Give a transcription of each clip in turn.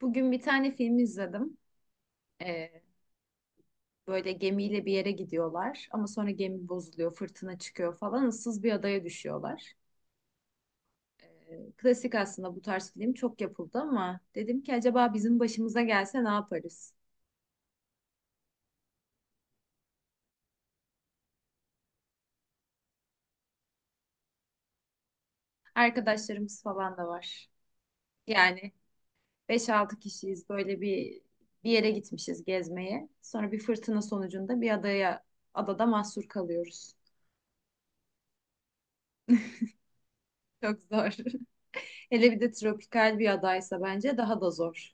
Bugün bir tane film izledim. Ee, Böyle gemiyle bir yere gidiyorlar ama sonra gemi bozuluyor, fırtına çıkıyor falan, ıssız bir adaya düşüyorlar. Klasik aslında, bu tarz film çok yapıldı ama dedim ki acaba bizim başımıza gelse ne yaparız? Arkadaşlarımız falan da var. Yani beş altı kişiyiz, böyle bir yere gitmişiz gezmeye. Sonra bir fırtına sonucunda bir adada mahsur kalıyoruz. Çok zor. Hele bir de tropikal bir adaysa bence daha da zor.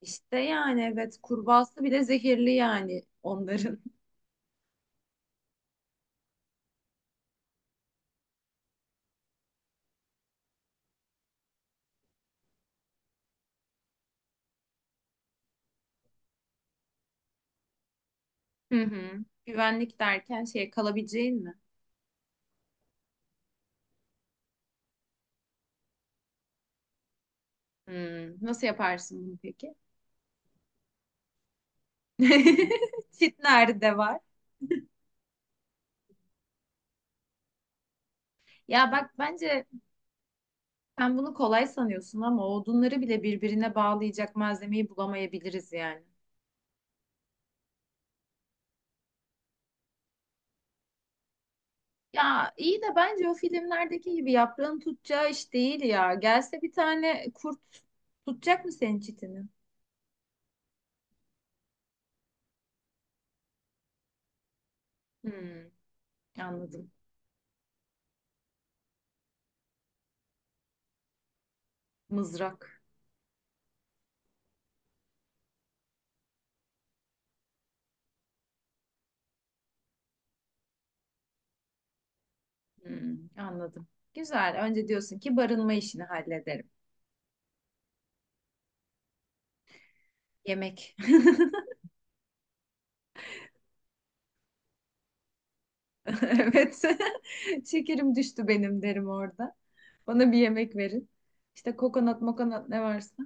İşte yani evet, kurbağası bile zehirli yani onların. Hı hı. Güvenlik derken şey, kalabileceğin mi? Nasıl yaparsın bunu peki? Çit nerede var? Ya bak, bence sen bunu kolay sanıyorsun ama odunları bile birbirine bağlayacak malzemeyi bulamayabiliriz yani. Ya iyi de bence o filmlerdeki gibi yaprağın tutacağı iş değil ya. Gelse bir tane kurt, tutacak mı senin çitini? Hmm. Anladım. Mızrak. Anladım. Güzel. Önce diyorsun ki barınma işini hallederim. Yemek. Evet. Şekerim düştü benim derim orada. Bana bir yemek verin. İşte kokonat mokonat ne varsa.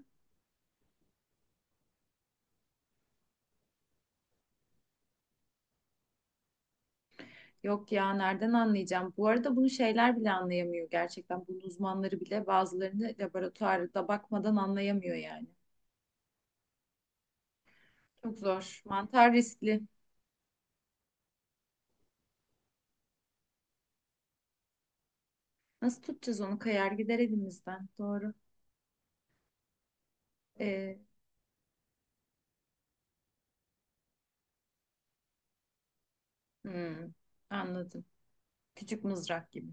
Yok ya, nereden anlayacağım? Bu arada bunu şeyler bile anlayamıyor gerçekten. Bunun uzmanları bile bazılarını laboratuvarda bakmadan anlayamıyor yani. Çok zor. Mantar riskli. Nasıl tutacağız onu? Kayar gider elimizden. Doğru. Ee, hmm, Anladım. Küçük mızrak gibi.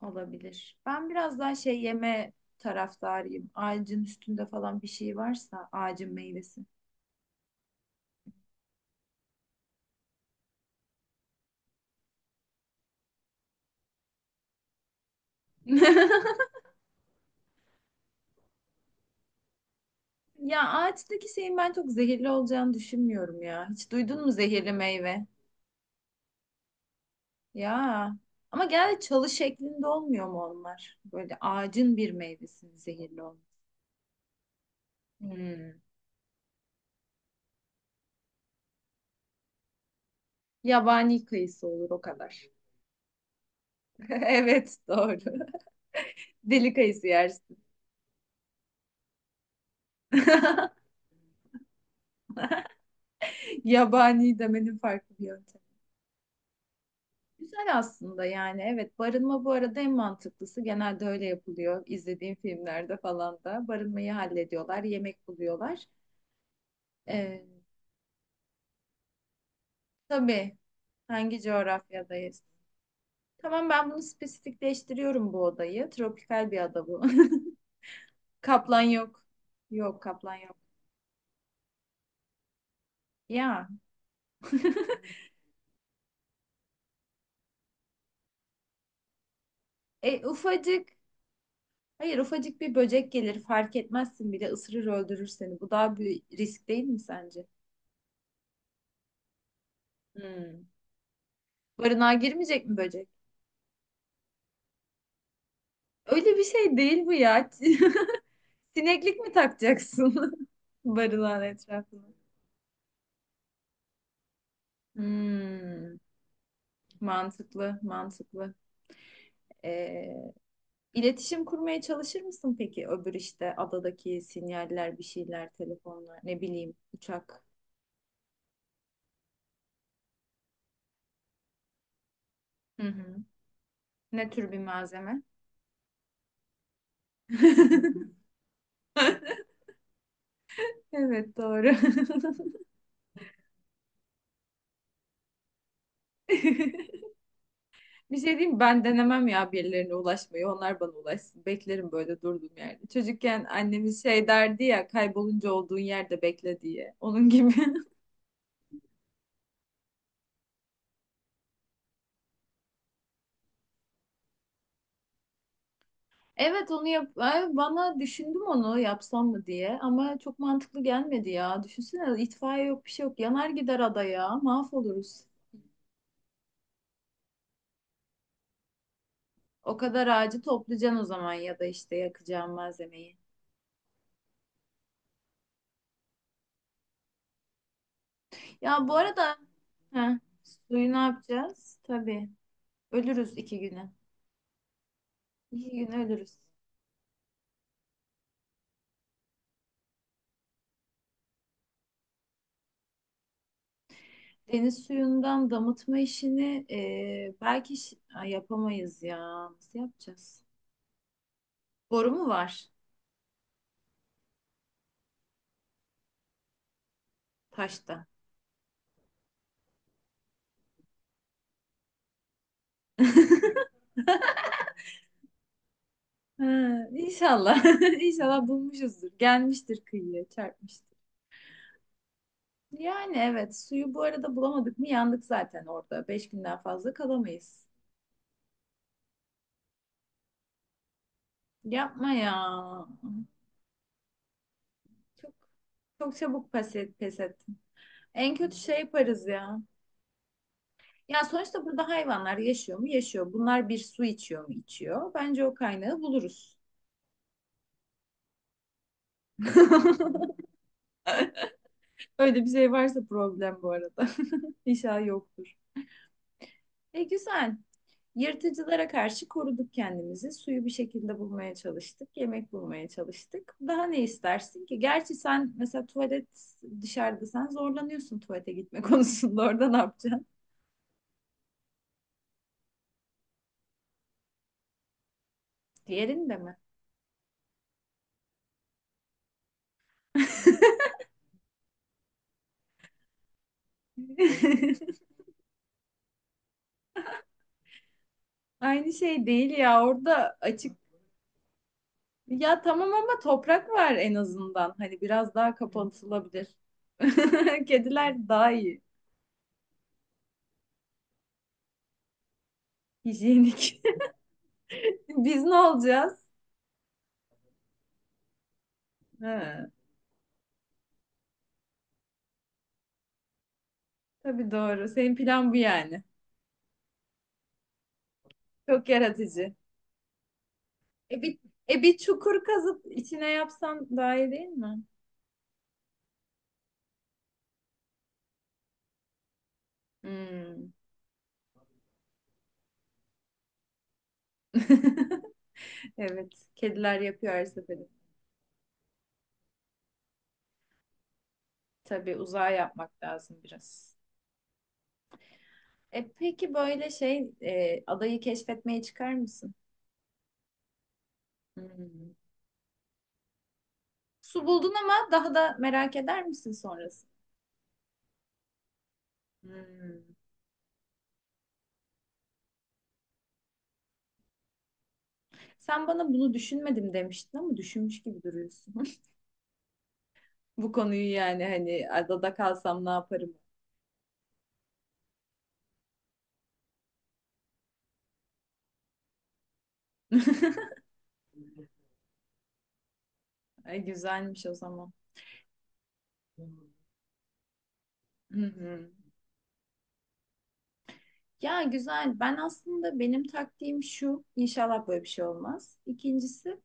Olabilir. Ben biraz daha şey, yeme taraftarıyım. Ağacın üstünde falan bir şey varsa, ağacın meyvesi. Ya, ağaçtaki şeyin ben çok zehirli olacağını düşünmüyorum ya. Hiç duydun mu zehirli meyve? Ya. Ama genelde çalı şeklinde olmuyor mu onlar? Böyle ağacın bir meyvesinin zehirli olması. Hmm. Yabani kayısı olur o kadar. Evet, doğru. Deli kayısı yersin. Yabani demenin farklı bir yöntemi. Güzel aslında, yani evet, barınma bu arada en mantıklısı, genelde öyle yapılıyor. İzlediğim filmlerde falan da barınmayı hallediyorlar, yemek buluyorlar. Ee, tabii, hangi coğrafyadayız? Tamam, ben bunu spesifikleştiriyorum bu odayı, tropikal bir ada bu. Kaplan yok, yok kaplan yok ya. e, ufacık Hayır, ufacık bir böcek gelir, fark etmezsin bile, ısırır öldürür seni, bu daha bir risk değil mi sence? Hmm. Barınağa girmeyecek mi böcek? Öyle bir şey değil bu ya. Sineklik mi takacaksın barınağın etrafına? Hmm, Mantıklı, mantıklı. Ee, iletişim kurmaya çalışır mısın peki öbür, işte adadaki sinyaller, bir şeyler, telefonlar, ne bileyim, uçak. Hı hı. Ne tür bir malzeme? Evet, doğru. Bir şey diyeyim mi? Ben denemem ya birilerine ulaşmayı. Onlar bana ulaşsın. Beklerim böyle durduğum yerde. Çocukken annemiz şey derdi ya, kaybolunca olduğun yerde bekle diye. Onun gibi. Evet, onu yap. Ay, bana düşündüm onu yapsam mı diye ama çok mantıklı gelmedi ya. Düşünsene, itfaiye yok, bir şey yok. Yanar gider adaya. Mahvoluruz. O kadar ağacı toplayacaksın o zaman, ya da işte yakacağın malzemeyi. Ya bu arada heh, suyu ne yapacağız? Tabii, ölürüz 2 güne. İki gün ölürüz. Deniz suyundan damıtma işini, belki Ay, yapamayız ya. Nasıl yapacağız? Boru mu var taşta? Ha, İnşallah. İnşallah bulmuşuzdur. Gelmiştir kıyıya, çarpmıştır. Yani evet, suyu bu arada bulamadık mı yandık zaten orada. 5 günden fazla kalamayız. Yapma ya. Çok çok çabuk pes ettim. En kötü şey yaparız ya. Ya sonuçta, burada hayvanlar yaşıyor mu? Yaşıyor. Bunlar bir su içiyor mu? İçiyor. Bence o kaynağı buluruz. Öyle bir şey varsa problem bu arada. İnşallah yoktur. E güzel. Yırtıcılara karşı koruduk kendimizi. Suyu bir şekilde bulmaya çalıştık. Yemek bulmaya çalıştık. Daha ne istersin ki? Gerçi sen mesela tuvalet, dışarıda sen zorlanıyorsun tuvalete gitme konusunda. Orada ne yapacaksın? Diğerinde mi? Aynı şey değil ya. Orada açık. Ya tamam, ama toprak var en azından. Hani biraz daha kapatılabilir. Kediler daha iyi. Hijyenik. Biz ne olacağız? Ha, tabii, doğru. Senin plan bu yani. Çok yaratıcı. E bir, e bir çukur kazıp içine yapsan daha iyi değil mi? Hmm. Evet. Kediler yapıyor her seferinde. Tabii, uzağa yapmak lazım biraz. E peki, böyle şey, adayı keşfetmeye çıkar mısın? Hmm. Su buldun ama daha da merak eder misin sonrası? Hmm. Sen bana bunu düşünmedim demiştin ama düşünmüş gibi duruyorsun. Bu konuyu yani, hani adada kalsam ne yaparım? Ay, güzelmiş o zaman. Hı hı. Ya güzel. Ben aslında, benim taktiğim şu: İnşallah böyle bir şey olmaz. İkincisi,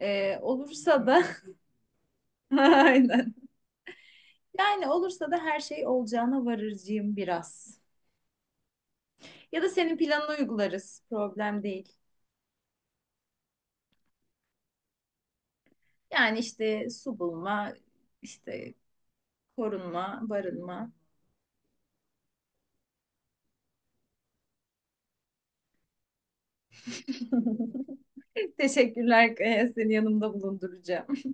olursa da aynen. Yani olursa da her şey olacağına varırcıyım biraz. Ya da senin planını uygularız. Problem değil. Yani işte su bulma, işte korunma, barınma. Teşekkürler Kaya, seni yanımda bulunduracağım.